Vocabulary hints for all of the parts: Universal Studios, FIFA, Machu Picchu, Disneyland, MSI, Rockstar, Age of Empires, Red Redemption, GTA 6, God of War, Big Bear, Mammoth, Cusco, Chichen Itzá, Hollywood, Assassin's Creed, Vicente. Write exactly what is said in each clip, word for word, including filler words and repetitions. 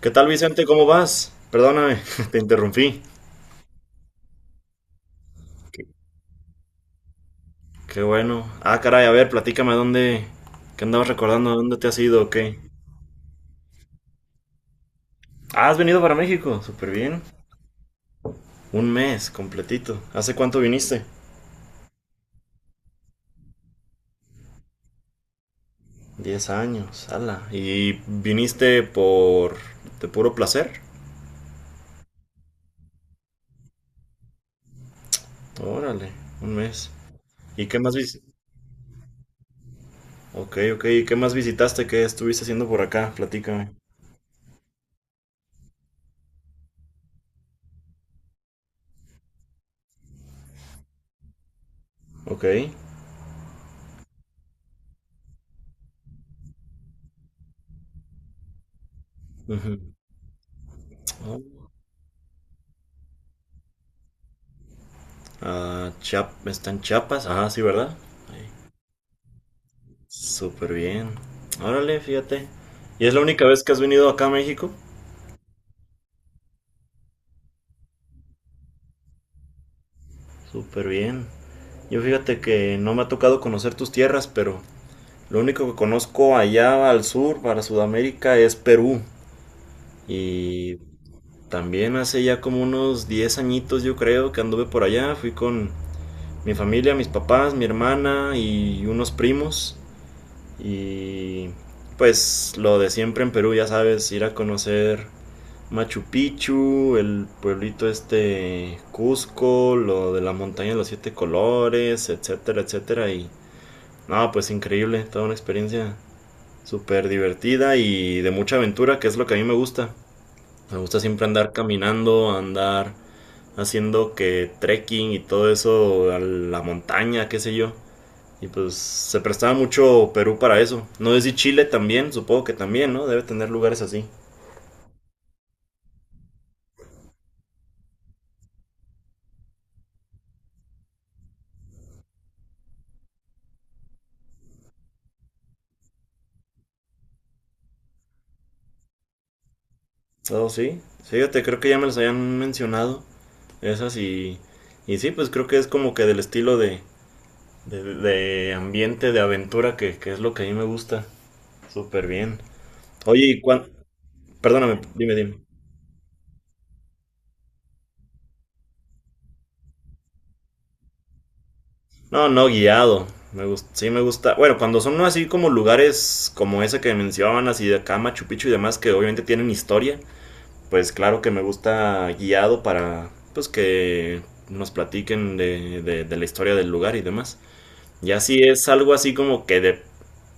¿Qué tal, Vicente? ¿Cómo vas? Perdóname, te interrumpí. Qué, qué bueno. Ah, caray, a ver, platícame dónde. ¿Qué andabas recordando? ¿Dónde te has ido o qué? Ah, has venido para México. Súper bien. Un mes completito. ¿Hace cuánto viniste? Diez años, ala. ¿Y viniste por. De puro placer? Órale, un mes. ¿Y qué más vis... Ok, ok. ¿Y qué más visitaste? ¿Qué estuviste haciendo por acá? Platícame. Ok. Ujú. Ah, Chiap- ¿Está en Chiapas? Ah, sí, ¿verdad? Súper bien. Órale, fíjate. ¿Y es la única vez que has venido acá a México? Súper bien. Yo fíjate que no me ha tocado conocer tus tierras, pero lo único que conozco allá al sur, para Sudamérica, es Perú. Y también hace ya como unos diez añitos yo creo que anduve por allá. Fui con mi familia, mis papás, mi hermana y unos primos. Y pues lo de siempre en Perú, ya sabes, ir a conocer Machu Picchu, el pueblito este Cusco, lo de la montaña de los siete colores, etcétera, etcétera. Y no, pues increíble, toda una experiencia súper divertida y de mucha aventura, que es lo que a mí me gusta. Me gusta siempre andar caminando, andar haciendo que trekking y todo eso, a la montaña, qué sé yo. Y pues se prestaba mucho Perú para eso. No sé si Chile también, supongo que también, ¿no? Debe tener lugares así. Oh, sí. Sí, Fíjate, creo que ya me los habían mencionado. Esas y, y sí, pues creo que es como que del estilo de, de, de ambiente, de aventura, que, que es lo que a mí me gusta. Súper bien. Oye, y cuan- perdóname, dime, dime. No, no, guiado. Me gusta, sí me gusta. Bueno, cuando son así como lugares como ese que mencionaban, así de acá, Machu Picchu y demás, que obviamente tienen historia, pues claro que me gusta guiado para, pues que nos platiquen de, de, de la historia del lugar y demás. Ya si es algo así como que de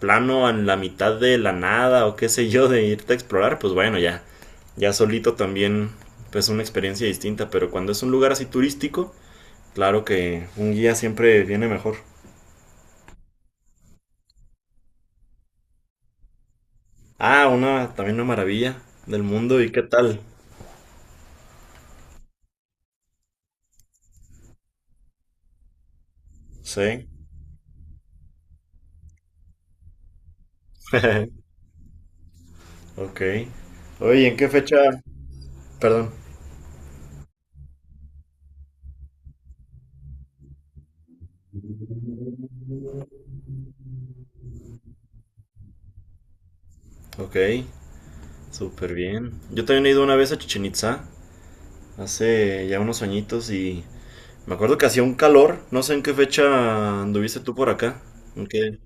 plano en la mitad de la nada o qué sé yo de irte a explorar, pues bueno, ya, ya solito también pues una experiencia distinta, pero cuando es un lugar así turístico, claro que un guía siempre viene mejor. Ah, una también una maravilla del mundo y qué tal. Sí. Ok. Oye, ¿y ¿en qué fecha? Perdón. Ok, súper bien. Yo también he ido una vez a Chichen Itzá hace ya unos añitos y Me acuerdo que hacía un calor, no sé en qué fecha anduviste tú por acá. ¿En qué?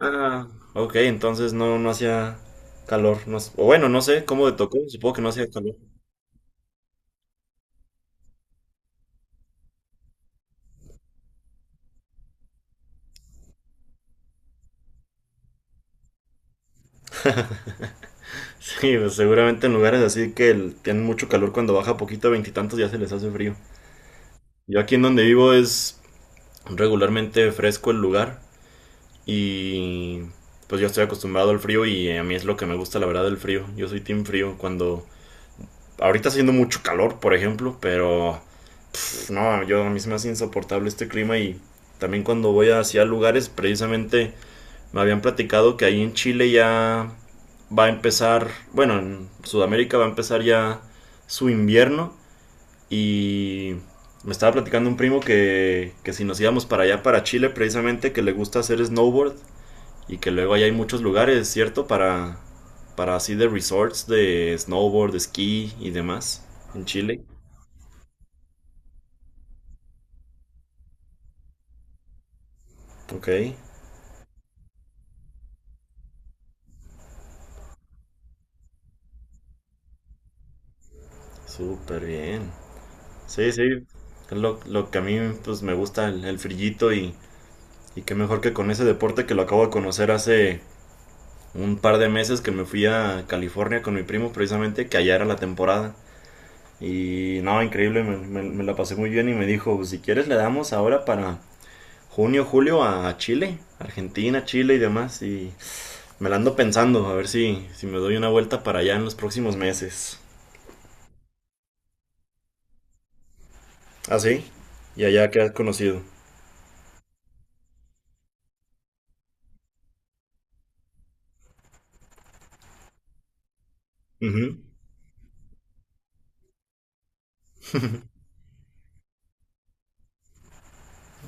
Ah, ok, entonces no, no hacía calor. No, s- o bueno, no sé cómo te tocó, supongo que no hacía calor. Sí, pues, seguramente en lugares así que el- tienen mucho calor cuando baja poquito a veintitantos ya se les hace frío. Yo aquí en donde vivo es regularmente fresco el lugar y pues yo estoy acostumbrado al frío y a mí es lo que me gusta la verdad el frío. Yo soy team frío cuando ahorita está haciendo mucho calor, por ejemplo, pero pues no, yo a mí se me hace insoportable este clima y también cuando voy hacia lugares, precisamente me habían platicado que ahí en Chile ya va a empezar, bueno, en Sudamérica va a empezar ya su invierno y me estaba platicando un primo que, que si nos íbamos para allá, para Chile, precisamente que le gusta hacer snowboard y que luego allá hay muchos lugares, ¿cierto? Para, para así de resorts de snowboard, de esquí y demás en Chile. Ok, súper bien. Sí, sí, es lo, lo que a mí pues me gusta el, el frillito y, y qué mejor que con ese deporte que lo acabo de conocer hace un par de meses que me fui a California con mi primo precisamente, que allá era la temporada. Y no, increíble, me, me- me la pasé muy bien y me dijo, si quieres le damos ahora para junio, julio a Chile, Argentina, Chile y demás. Y me la ando pensando, a ver si, si me doy una vuelta para allá en los próximos meses. ¿Ah, sí? Y allá que has conocido. Ujú.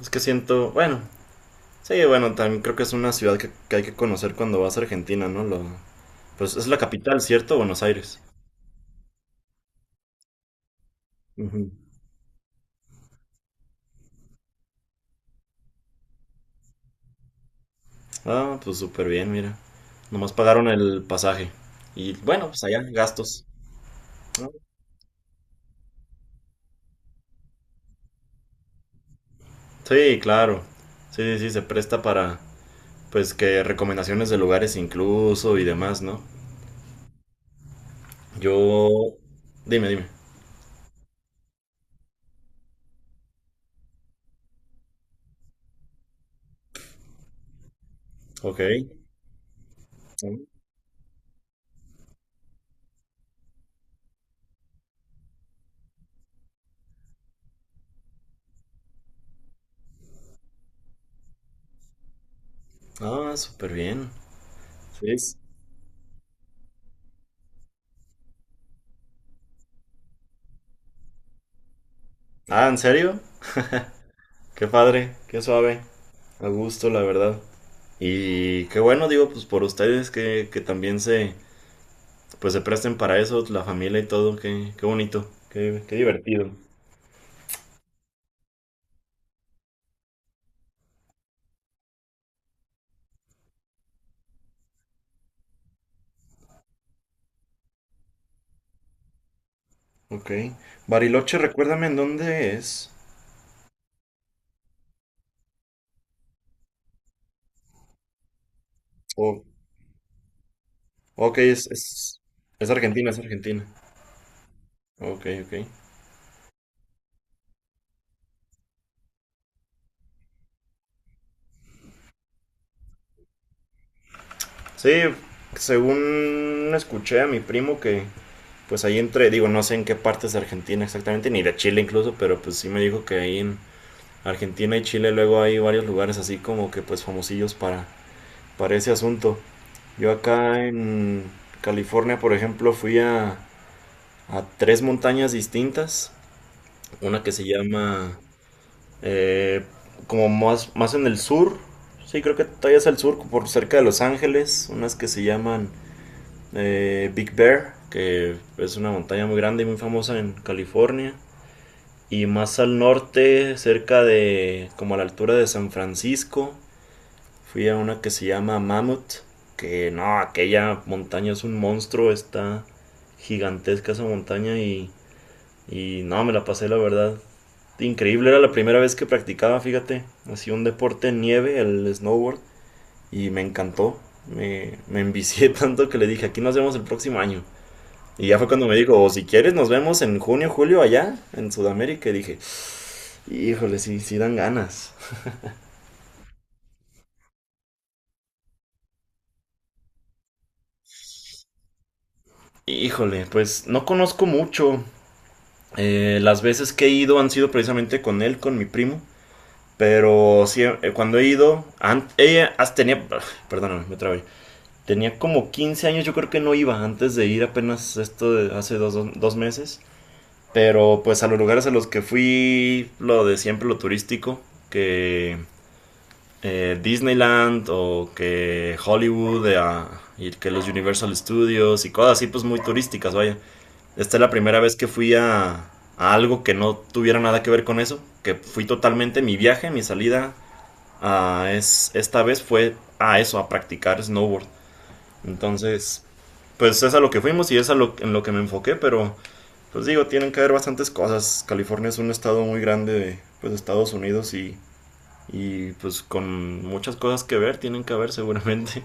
Es que siento, bueno, Sí, bueno, también creo que es una ciudad que, que hay que conocer cuando vas a Argentina, ¿no? Lo, pues es la capital, ¿cierto? Buenos Aires. Ujú. Ah, pues súper bien, mira. Nomás pagaron el pasaje. Y bueno, pues allá, gastos. ¿no? Sí, claro. Sí, sí, sí, se presta para, pues, que recomendaciones de lugares incluso y demás, ¿no? Yo... Dime, dime. Ok. Ah, súper bien. Sí. Ah, ¿en serio? Qué padre, qué suave. A gusto, la verdad. Y qué bueno, digo, pues por ustedes que, que también se, pues se presten para eso, la familia y todo, qué, qué bonito, qué, qué divertido. Ok. Bariloche, recuérdame en dónde es. Oh, ok, es, es, es Argentina, es Argentina. Ok, ok. Sí, según escuché a mi primo que, pues ahí entre, digo, no sé en qué partes de Argentina exactamente, ni de Chile incluso, pero pues sí me dijo que ahí en Argentina y Chile luego hay varios lugares así como que pues famosillos para para ese asunto. Yo acá en California, por ejemplo, fui a, a tres montañas distintas. Una que se llama eh, como más, más en el sur. Sí, creo que todavía es al sur, por cerca de Los Ángeles. Unas que se llaman eh, Big Bear, que es una montaña muy grande y muy famosa en California. Y más al norte, cerca de como a la altura de San Francisco. Fui a una que se llama Mammoth, que no, aquella montaña es un monstruo, está gigantesca esa montaña y, y no, me la pasé la verdad. Increíble, era la primera vez que practicaba, fíjate, hacía un deporte en nieve, el snowboard, y me encantó. Me, me envicié tanto que le dije, aquí nos vemos el próximo año. Y ya fue cuando me dijo, si quieres nos vemos en junio, julio allá, en Sudamérica. Y dije, híjole, sí, sí dan ganas. Híjole, pues no conozco mucho. Eh, las veces que he ido han sido precisamente con él, con mi primo. Pero sí, eh, cuando he ido, ella hasta tenía, perdóname, me trabé. Tenía como quince años, yo creo que no iba antes de ir apenas esto de hace dos, dos- dos meses. Pero pues a los lugares a los que fui, lo de siempre, lo turístico, que eh, Disneyland o que Hollywood eh, ah, y que los Universal Studios y cosas así, pues muy turísticas, vaya. Esta es la primera vez que fui a, a algo que no tuviera nada que ver con eso, que fui totalmente mi viaje, mi salida a es, esta vez fue a eso, a practicar snowboard. Entonces, pues es a lo que fuimos y es a lo, en lo que me enfoqué, pero pues digo, tienen que haber bastantes cosas. California es un estado muy grande de pues, Estados Unidos y, y pues con muchas cosas que ver, tienen que haber seguramente.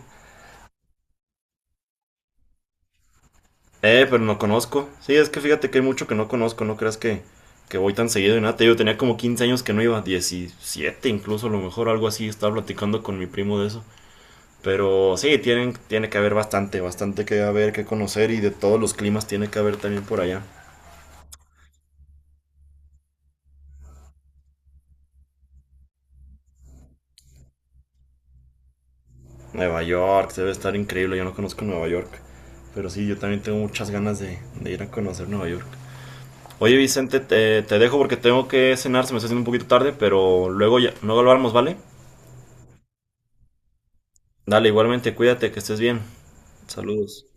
Eh, pero no conozco. Sí, es que fíjate que hay mucho que no conozco, no creas que, que voy tan seguido y nada. Te digo, tenía como quince años que no iba, diecisiete, incluso, a lo mejor algo así, estaba platicando con mi primo de eso. Pero sí, tienen, tiene que haber bastante, bastante que haber, que conocer y de todos los climas tiene que haber también por allá. Nueva York, debe estar increíble, yo no conozco Nueva York. Pero sí, yo también tengo muchas ganas de, de ir a conocer Nueva York. Oye Vicente, te, te dejo porque tengo que cenar, se me está haciendo un poquito tarde, pero luego ya, luego hablamos, ¿vale? Dale, igualmente, cuídate, que estés bien. Saludos.